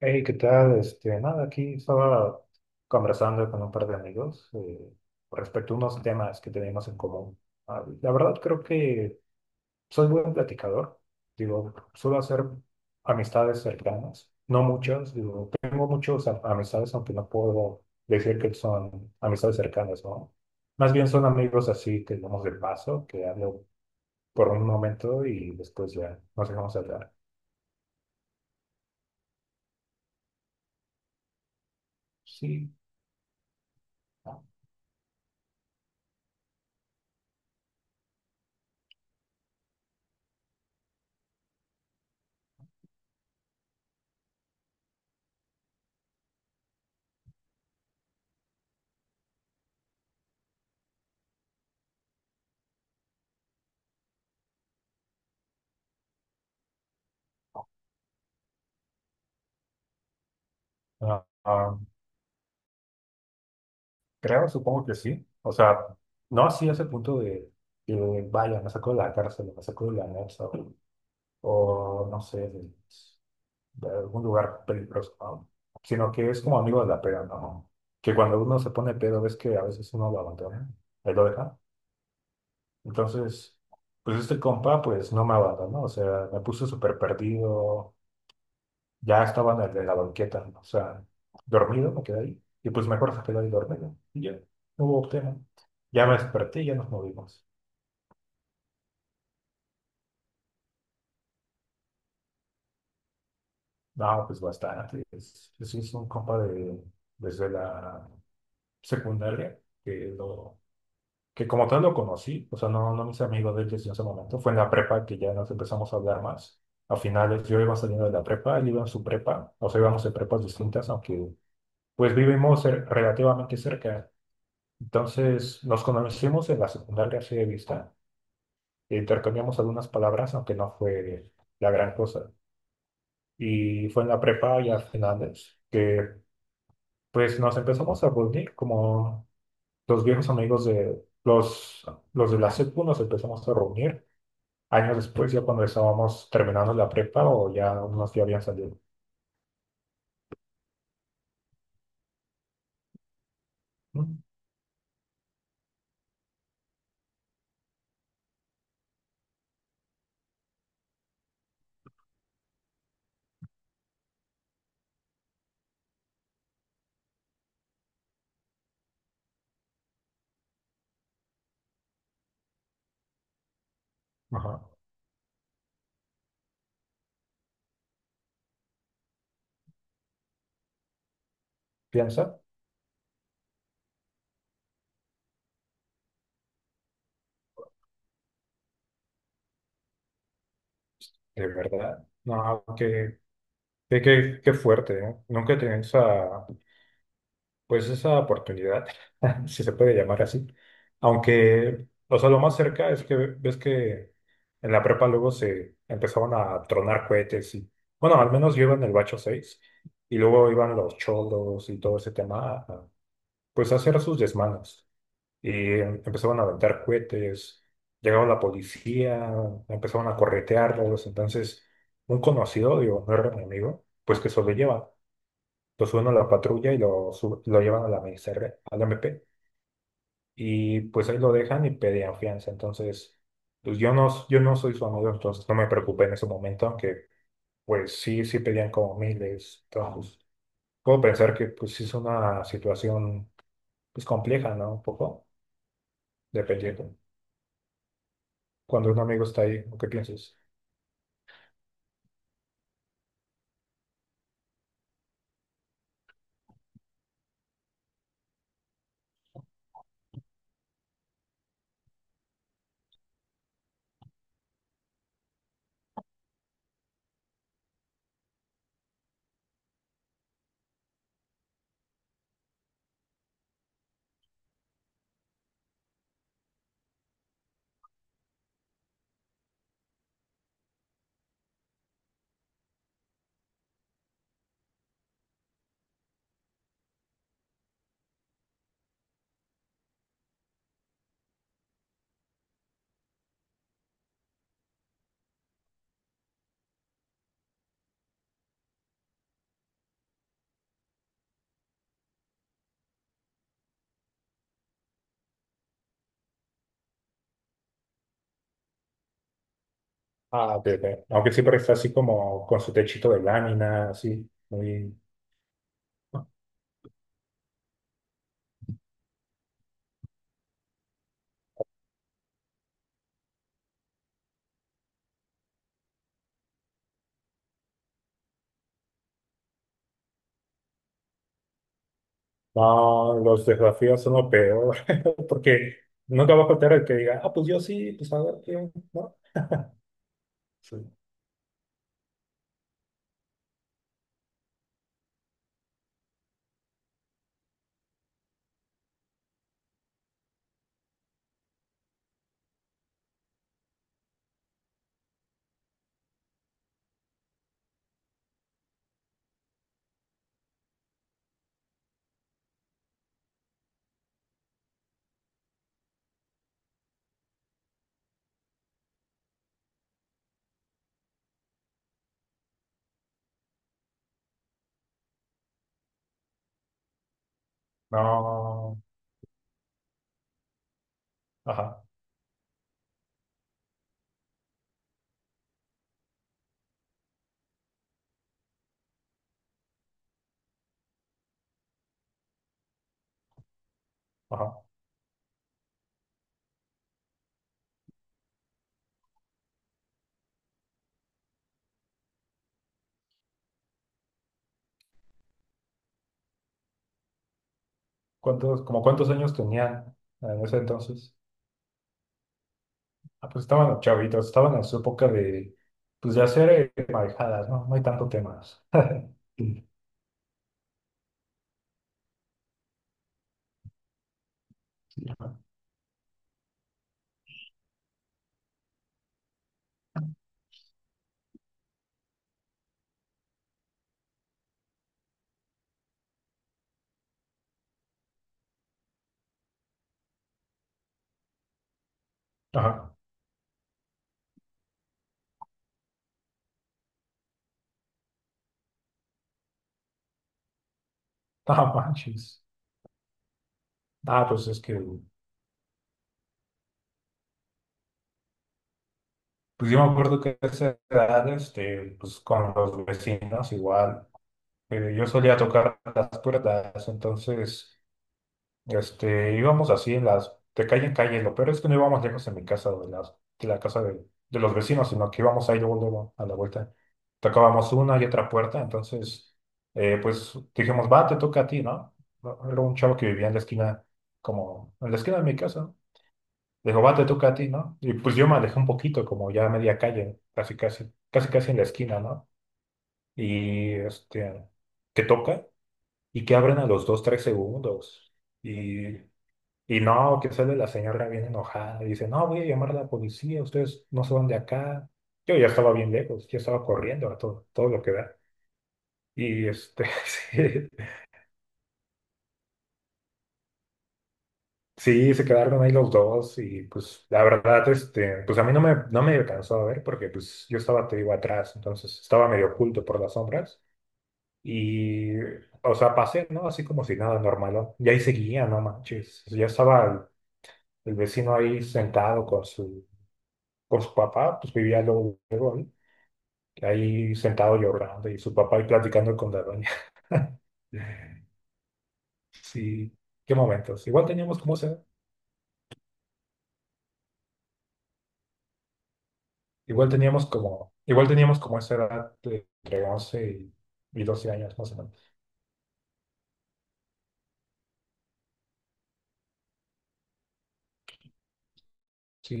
Hey, ¿qué tal? Este, nada, aquí estaba conversando con un par de amigos respecto a unos temas que tenemos en común. Ah, la verdad creo que soy buen platicador, digo, suelo hacer amistades cercanas, no muchas, digo, tengo muchas amistades, aunque no puedo decir que son amistades cercanas, ¿no? Más bien son amigos así que vamos de paso, que hablo por un momento y después ya nos dejamos hablar. Sí. Ah, ah, Creo, supongo que sí. O sea, no así a ese punto de que vaya, me sacó de la cárcel, me sacó de la NASA o, no sé, de algún lugar peligroso, ¿no? Sino que es como amigo de la pera, ¿no? Que cuando uno se pone pedo, ves que a veces uno lo abandona, él lo deja. Entonces, pues este compa, pues no me abandonó, o sea, me puso súper perdido, ya estaba en la banqueta, ¿no? O sea, dormido me quedé ahí. Y pues mejor se quedó ahí dormido. Y ya, no hubo tema. Ya me desperté y ya nos movimos. No, pues bastante. Es un compa de, desde la secundaria, que, lo, que como tal lo conocí, o sea, no, no mis amigos de él desde ese momento. Fue en la prepa que ya nos empezamos a hablar más. A finales yo iba saliendo de la prepa, él iba en su prepa, o sea, íbamos en prepas distintas, aunque pues vivimos relativamente cerca. Entonces, nos conocimos en la secundaria así de vista, e intercambiamos algunas palabras, aunque no fue la gran cosa. Y fue en la prepa ya finales que pues nos empezamos a reunir como los viejos amigos de los de la secu, nos empezamos a reunir años después, ya cuando estábamos terminando la prepa o ya unos ya habían salido. Mm. Ajá. Piensa, de verdad. No, qué fuerte, ¿eh? Nunca tenía esa, pues esa oportunidad, si se puede llamar así. Aunque, o sea, lo más cerca es que ves que en la prepa luego se empezaban a tronar cohetes y, bueno, al menos yo iba en el bacho 6 y luego iban los cholos y todo ese tema, a pues, hacer sus desmanes. Y empezaban a aventar cohetes, llegaba la policía, empezaban a corretearlos. Entonces, un conocido, digo, no era mi amigo, pues que sobrelleva. Lo suben a la patrulla y lo llevan a la MSR, al MP. Y pues ahí lo dejan y pedían fianza. Entonces, pues yo no soy su amigo, entonces no me preocupé en ese momento, aunque pues sí, sí pedían como miles. Entonces, puedo pensar que pues sí es una situación pues compleja, ¿no? Un poco, dependiendo. Cuando un amigo está ahí, ¿qué piensas? Ah, ok, ok. Aunque siempre está así como con su techito de lámina, así, muy. No, los desafíos son lo peor, porque nunca va a faltar el que diga, ah, pues yo sí, pues a ver, ¿qué?, ¿no? Sí. No, ajá, ajá. ¿Como cuántos años tenían en ese entonces? Ah, pues estaban chavitos, estaban en su época de, pues de hacer marejadas, ¿no? No hay tanto temas. Ajá, ah, manches. Ah, pues es que, pues yo me acuerdo que a esa edad, este, pues con los vecinos igual. Yo solía tocar las puertas, entonces este, íbamos así de calle en calle. Lo peor es que no íbamos lejos de mi casa o de la casa de los vecinos, sino que íbamos ahí luego, luego a la vuelta. Tocábamos una y otra puerta, entonces pues dijimos, va, te toca a ti, ¿no? No. Era un chavo que vivía en la esquina, como en la esquina de mi casa. Dijo, va, te toca a ti, ¿no? Y pues yo me alejé un poquito, como ya a media calle, casi, casi, casi, casi en la esquina, ¿no? Y este, que toca y que abren a los dos, tres segundos. Y, y no, que sale la señora bien enojada, y dice, no, voy a llamar a la policía, ustedes no se van de acá. Yo ya estaba bien lejos, yo estaba corriendo a todo, todo lo que da. Y este, sí, sí, se quedaron ahí los dos y pues la verdad, este, pues a mí no me alcanzó a ver porque pues yo estaba, te digo, atrás, entonces estaba medio oculto por las sombras y, o sea, pasé, ¿no? Así como si nada normal, ¿no? Y ahí seguía, no manches, ya estaba el vecino ahí sentado con su papá, pues vivía luego, luego ahí, sentado llorando y su papá ahí platicando con la doña. Sí, qué momentos. Igual teníamos como esa edad, igual teníamos como esa edad de entre 11 y 12 años más o menos. Sí.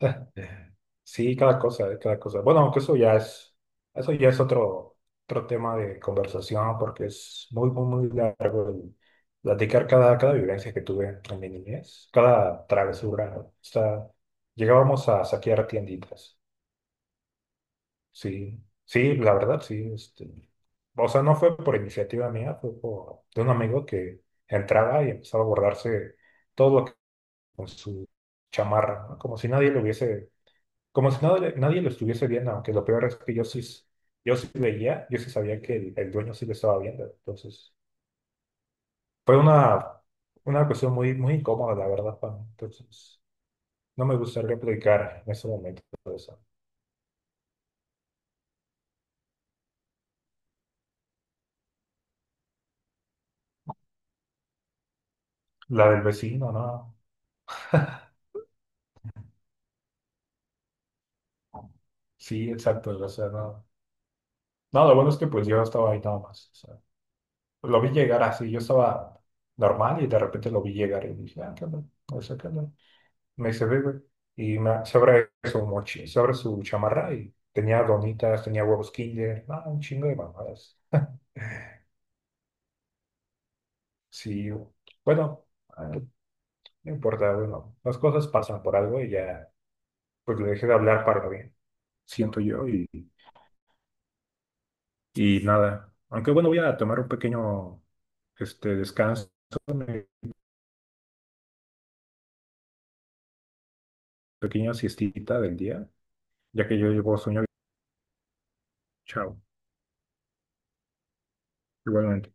Eh, Sí, cada cosa, cada cosa. Bueno, aunque eso ya es otro tema de conversación porque es muy, muy, muy largo el platicar cada vivencia que tuve en mi niñez, cada travesura. O sea, llegábamos a saquear tienditas. Sí, sí, la verdad, sí. Este, o sea, no fue por iniciativa mía, fue de un amigo que entraba y empezaba a borrarse todo lo que con su chamarra, ¿no? Como si nadie lo estuviese viendo, aunque lo peor es que yo sí, yo sí veía, yo sí sabía que el dueño sí lo estaba viendo. Entonces, fue una cuestión muy, muy incómoda, la verdad, para mí. Entonces, no me gustaría platicar en ese momento eso. La del vecino, ¿no? Sí, exacto. O sea, no. No, lo bueno es que pues yo estaba ahí nada más. O sea, lo vi llegar así, yo estaba normal y de repente lo vi llegar y dije, ah, qué onda, o sea, qué onda. Me dice, ve, güey. Y me, sobre eso, sobre su chamarra y tenía donitas, tenía huevos Kinder, no, un chingo de mamadas. Sí, bueno, eh, no importa, bueno, las cosas pasan por algo y ya, pues le dejé de hablar para lo bien, siento yo, y nada. Aunque bueno, voy a tomar un pequeño este, descanso, una pequeña siestita del día, ya que yo llevo sueño. Chao, igualmente.